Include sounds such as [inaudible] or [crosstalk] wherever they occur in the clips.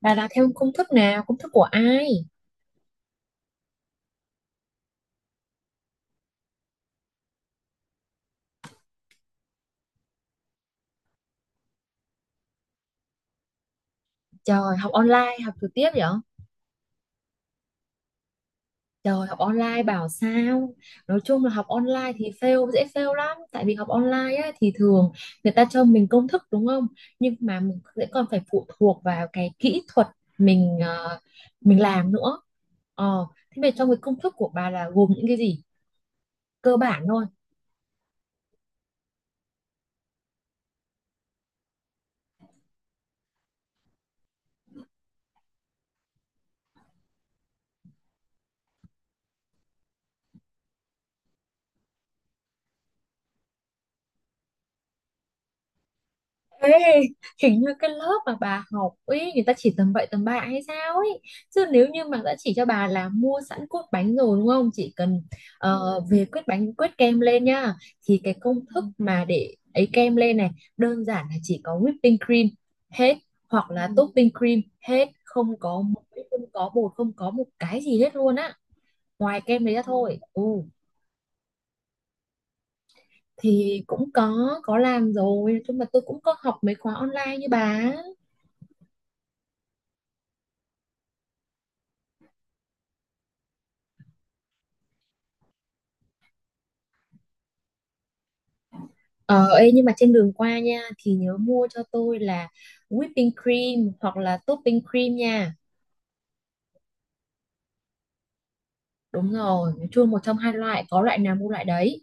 Bà là theo công thức nào? Công thức của ai? Trời, học online, học trực tiếp vậy? Trời, học online bảo sao? Nói chung là học online thì fail, dễ fail lắm. Tại vì học online á, thì thường người ta cho mình công thức đúng không? Nhưng mà mình sẽ còn phải phụ thuộc vào cái kỹ thuật mình ờ, mình làm nữa. Thế về trong cái công thức của bà là gồm những cái gì? Cơ bản thôi. Ê, hình như cái lớp mà bà học ấy người ta chỉ tầm bậy tầm bạ hay sao ấy, chứ nếu như mà đã chỉ cho bà là mua sẵn cốt bánh rồi đúng không, chỉ cần về quét bánh quét kem lên nhá, thì cái công thức mà để ấy kem lên này đơn giản là chỉ có whipping cream hết, hoặc là topping cream hết, không có muối, không có bột, không có một cái gì hết luôn á, ngoài kem đấy ra thôi. Ừ, thì cũng có làm rồi, nhưng mà tôi cũng có học mấy khóa online như bà. Ờ, Ê, nhưng mà trên đường qua nha thì nhớ mua cho tôi là whipping cream hoặc là topping cream nha. Đúng rồi, nói chung một trong hai loại, có loại nào mua loại đấy.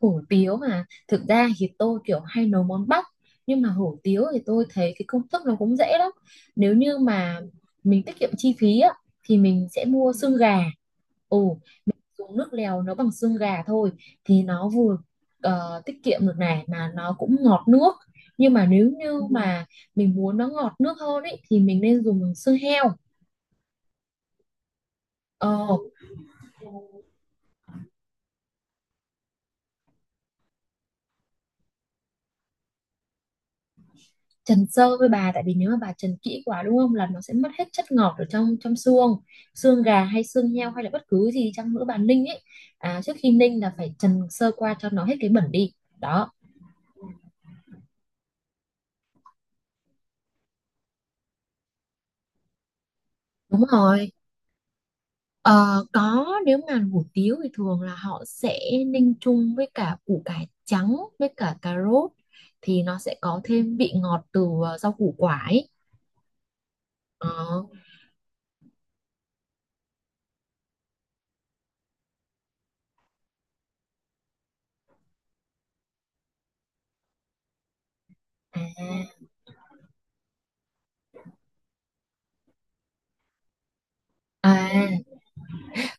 Hủ tiếu mà, thực ra thì tôi kiểu hay nấu món Bắc, nhưng mà hủ tiếu thì tôi thấy cái công thức nó cũng dễ lắm. Nếu như mà mình tiết kiệm chi phí á, thì mình sẽ mua xương gà. Ừ, dùng nước lèo nấu bằng xương gà thôi thì nó vừa tiết kiệm được này, mà nó cũng ngọt nước. Nhưng mà nếu như mà mình muốn nó ngọt nước hơn ấy thì mình nên dùng bằng xương heo. ờ, Trần sơ với bà, tại vì nếu mà bà trần kỹ quá đúng không là nó sẽ mất hết chất ngọt ở trong trong xương, xương gà hay xương heo hay là bất cứ gì chăng nữa bà ninh ấy. Trước khi ninh là phải trần sơ qua cho nó hết cái bẩn đi. Đó, đúng rồi. Ờ, có, nếu mà hủ tiếu thì thường là họ sẽ ninh chung với cả củ cải trắng với cả cà rốt, thì nó sẽ có thêm vị ngọt từ rau củ quả ấy. Ờ, à, à,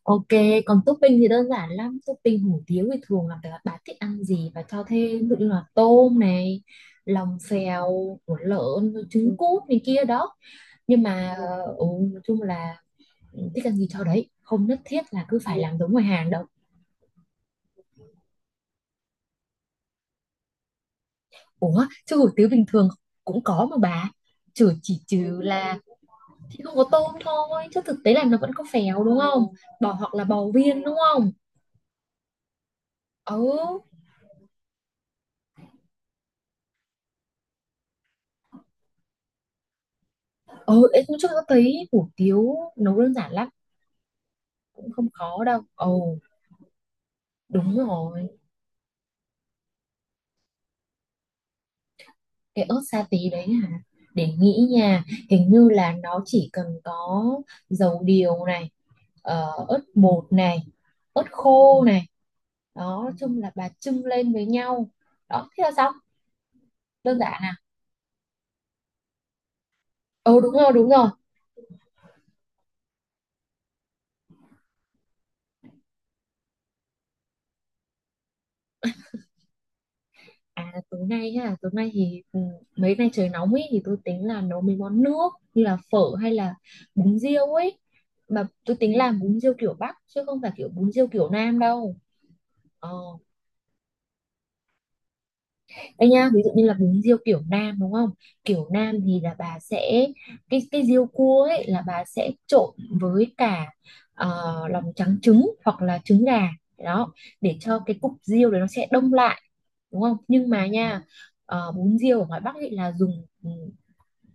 ok, còn topping thì đơn giản lắm. Topping hủ tiếu thì thường là phải là bà thích ăn gì và cho thêm, ví dụ như là tôm này, lòng phèo của lợn rồi trứng cút này kia đó, nhưng mà nói chung là thích ăn gì cho đấy, không nhất thiết là cứ phải làm giống ngoài hàng đâu. Ủa, chứ hủ tiếu bình thường cũng có mà bà. Chỉ trừ là thì không có tôm thôi, chứ thực tế là nó vẫn có phèo đúng không? Bò hoặc là bò viên đúng không? Ừ, ừ, em cũng chưa có thấy, hủ tiếu nấu đơn giản lắm, cũng không khó đâu. Ồ, đúng rồi, cái ớt sa tí đấy hả? Để nghĩ nha, hình như là nó chỉ cần có dầu điều này, ớt bột này, ớt khô này. Đó, nói chung là bà chưng lên với nhau. Đó, thế là xong, đơn giản à? Ừ, đúng rồi, đúng rồi. À, tối nay ha. Tối nay thì mấy nay trời nóng ấy, thì tôi tính là nấu mấy món nước, như là phở hay là bún riêu ấy. Mà tôi tính làm bún riêu kiểu Bắc, chứ không phải kiểu bún riêu kiểu Nam đâu. Ờ. Đây nha, ví dụ như là bún riêu kiểu Nam đúng không, kiểu Nam thì là bà sẽ, cái riêu cua ấy là bà sẽ trộn với cả ờ, lòng trắng trứng, hoặc là trứng gà. Đó, để cho cái cục riêu đấy nó sẽ đông lại đúng không, nhưng mà nha bún riêu ở ngoài Bắc ấy là dùng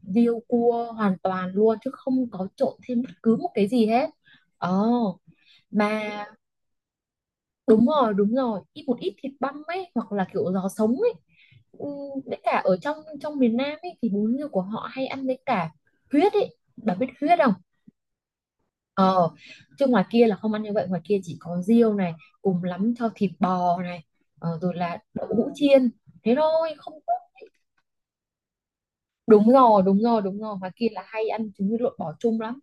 riêu cua hoàn toàn luôn, chứ không có trộn thêm bất cứ một cái gì hết. Ờ, mà đúng rồi, đúng rồi, ít một ít thịt băm ấy hoặc là kiểu giò sống ấy. ừ, với cả ở trong trong miền Nam ấy thì bún riêu của họ hay ăn với cả huyết ấy, bà biết huyết không? Ờ, chứ ngoài kia là không ăn như vậy, ngoài kia chỉ có riêu này, cùng lắm cho thịt bò này, rồi là đậu hũ chiên, thế thôi không. Đúng rồi, đúng rồi, đúng rồi, ngoài kia là hay ăn trứng với lộn bò chung lắm.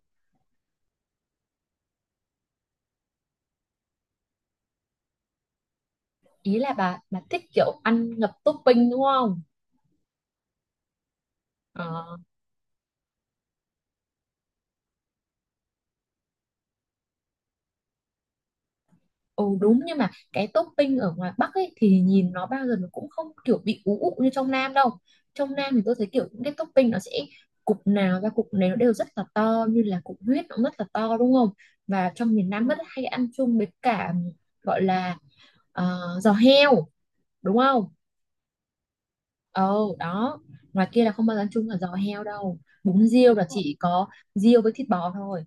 Ý là bà thích kiểu ăn ngập topping đúng không? Ờ, ừ, đúng, nhưng mà cái topping ở ngoài Bắc ấy thì nhìn nó bao giờ nó cũng không kiểu bị ú ụ như trong Nam đâu. Trong Nam thì tôi thấy kiểu những cái topping nó sẽ, cục nào ra cục này nó đều rất là to, như là cục huyết nó rất là to đúng không, và trong miền Nam rất hay ăn chung với cả, gọi là giò heo đúng không. Ồ, đó. Ngoài kia là không bao giờ ăn chung là giò heo đâu. Bún riêu là chỉ có riêu với thịt bò thôi.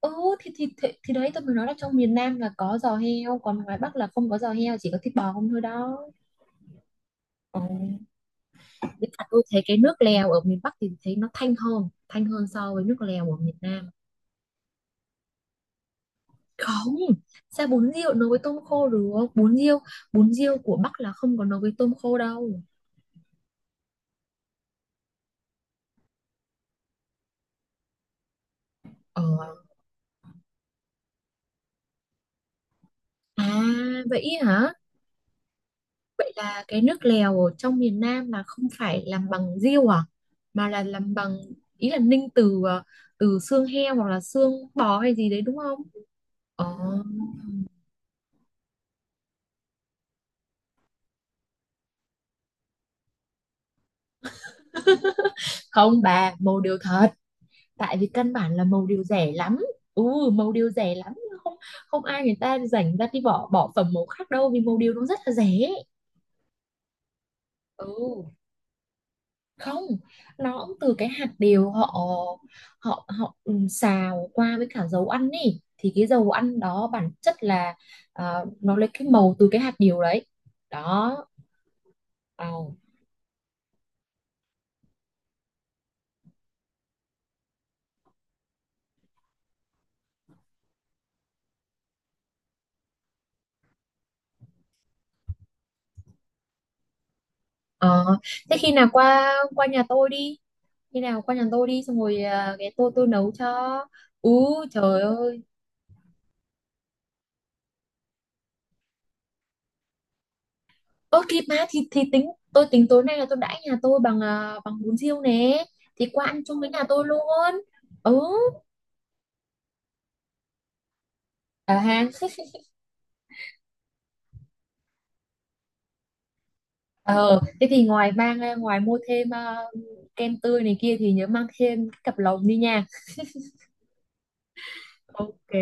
Ừ, thì đấy tôi mới nói là trong miền Nam là có giò heo, còn ngoài Bắc là không có giò heo, chỉ có thịt bò không thôi đó. Ồ, với cả tôi thấy cái nước lèo ở miền Bắc thì thấy nó thanh hơn so với nước lèo ở miền Nam. Không, sao bún riêu nấu với tôm khô được? Bún riêu của Bắc là không có nấu với tôm khô đâu. Ờ, à vậy hả? Vậy là cái nước lèo ở trong miền Nam là không phải làm bằng riêu à? Mà là làm bằng, ý là ninh từ xương heo hoặc là xương bò hay gì đấy đúng không? Ờ, không bà, màu điều thật. Tại vì căn bản là màu điều rẻ lắm. Ừ, màu điều rẻ lắm. Không, không ai người ta rảnh ra đi bỏ bỏ phẩm màu khác đâu vì màu điều nó rất là rẻ. Ừ. Không, nó cũng từ cái hạt điều, họ họ họ xào qua với cả dầu ăn ấy, thì cái dầu ăn đó bản chất là nó lấy cái màu từ cái hạt điều đấy đó. Ồ. Ờ, thế khi nào qua qua nhà tôi đi, khi nào qua nhà tôi đi xong rồi cái tôi nấu cho. Ú trời ơi. Ơ kịp mà, thì tôi tính tối nay là tôi đãi nhà tôi bằng bằng bún riêu nè, thì qua ăn chung với nhà tôi luôn. Ừ, à ha. Ờ, thế thì ngoài mua thêm kem tươi này kia thì nhớ mang thêm cái cặp lồng đi nha. Ok,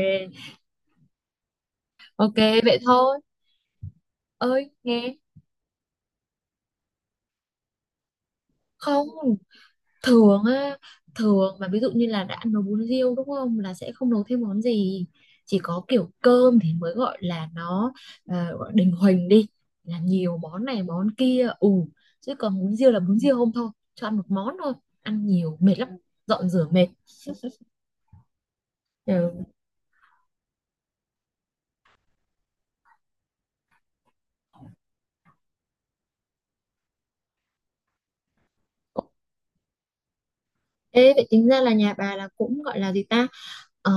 ok vậy thôi. Ơi, nghe không, thường á, thường mà ví dụ như là đã nấu bún riêu đúng không là sẽ không nấu thêm món gì. Chỉ có kiểu cơm thì mới gọi là nó gọi đình huỳnh đi, là nhiều món này món kia. Ừ, chứ còn bún riêu là bún riêu không thôi, cho ăn một món thôi, ăn nhiều mệt lắm, dọn rửa mệt. Ừ. Ê, vậy tính ra là nhà bà là cũng gọi là gì ta, Ờ,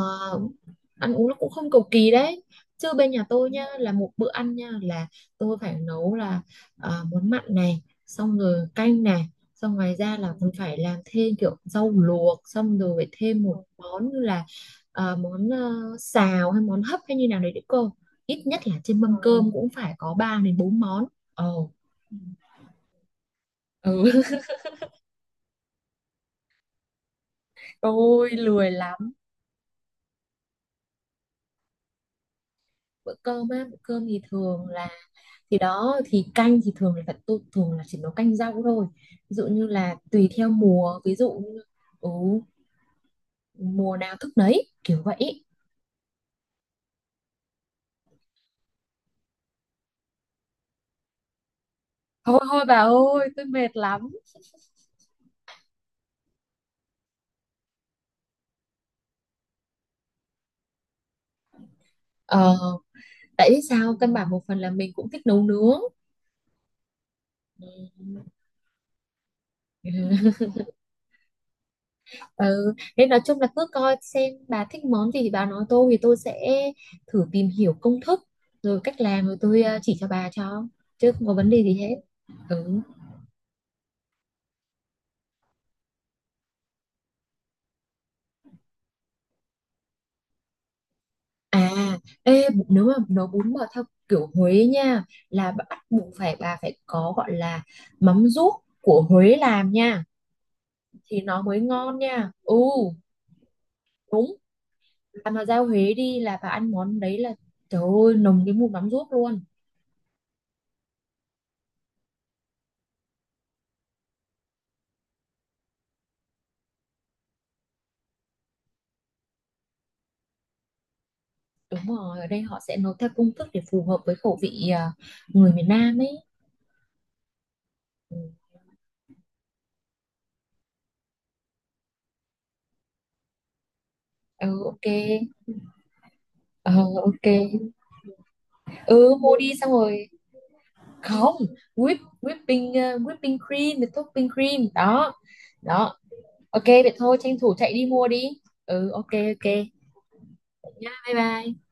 ăn uống nó cũng không cầu kỳ đấy, chứ bên nhà tôi nha là một bữa ăn nha là tôi phải nấu là món mặn này xong rồi canh này, xong ngoài ra là còn phải làm thêm kiểu rau luộc, xong rồi phải thêm một món như là ờ, món ờ, xào hay món hấp hay như nào đấy đấy cô, ít nhất là trên mâm cơm cũng phải có 3 đến 4 món. Ồ, ừ. [laughs] Tôi lười lắm. Bữa cơm á, bữa cơm thì thường là, thì canh thì thường là tôi thường là chỉ nấu canh rau thôi, ví dụ như là tùy theo mùa, ví dụ như ừ, mùa nào thức nấy kiểu vậy. Thôi thôi bà ơi tôi mệt lắm. Ờ, tại vì sao căn bản, một phần là mình cũng thích nấu nướng. Ừ. [laughs] Ừ. Nên nói chung là cứ coi xem bà thích món gì thì bà nói tôi, thì tôi sẽ thử tìm hiểu công thức rồi cách làm, rồi tôi chỉ cho bà cho, chứ không có vấn đề gì hết. Ừ. À, ê, nếu mà nấu bún bò theo kiểu Huế nha, là bắt buộc phải bà phải có gọi là mắm ruốc của Huế làm nha thì nó mới ngon nha. Ừ, đúng. Bà mà ra Huế đi là bà ăn món đấy là trời ơi nồng cái mùi mắm ruốc luôn. Đúng rồi, ở đây họ sẽ nấu theo công thức để phù hợp với khẩu vị người miền Nam ấy. Ừ, ừ, ok. Ờ, ok. Ừ, mua đi xong rồi. Không, whip, whipping, whipping cream, với topping cream. Đó, đó. Ok vậy thôi tranh thủ chạy đi mua đi. Ừ, ok, ok. Nhá, bye bye.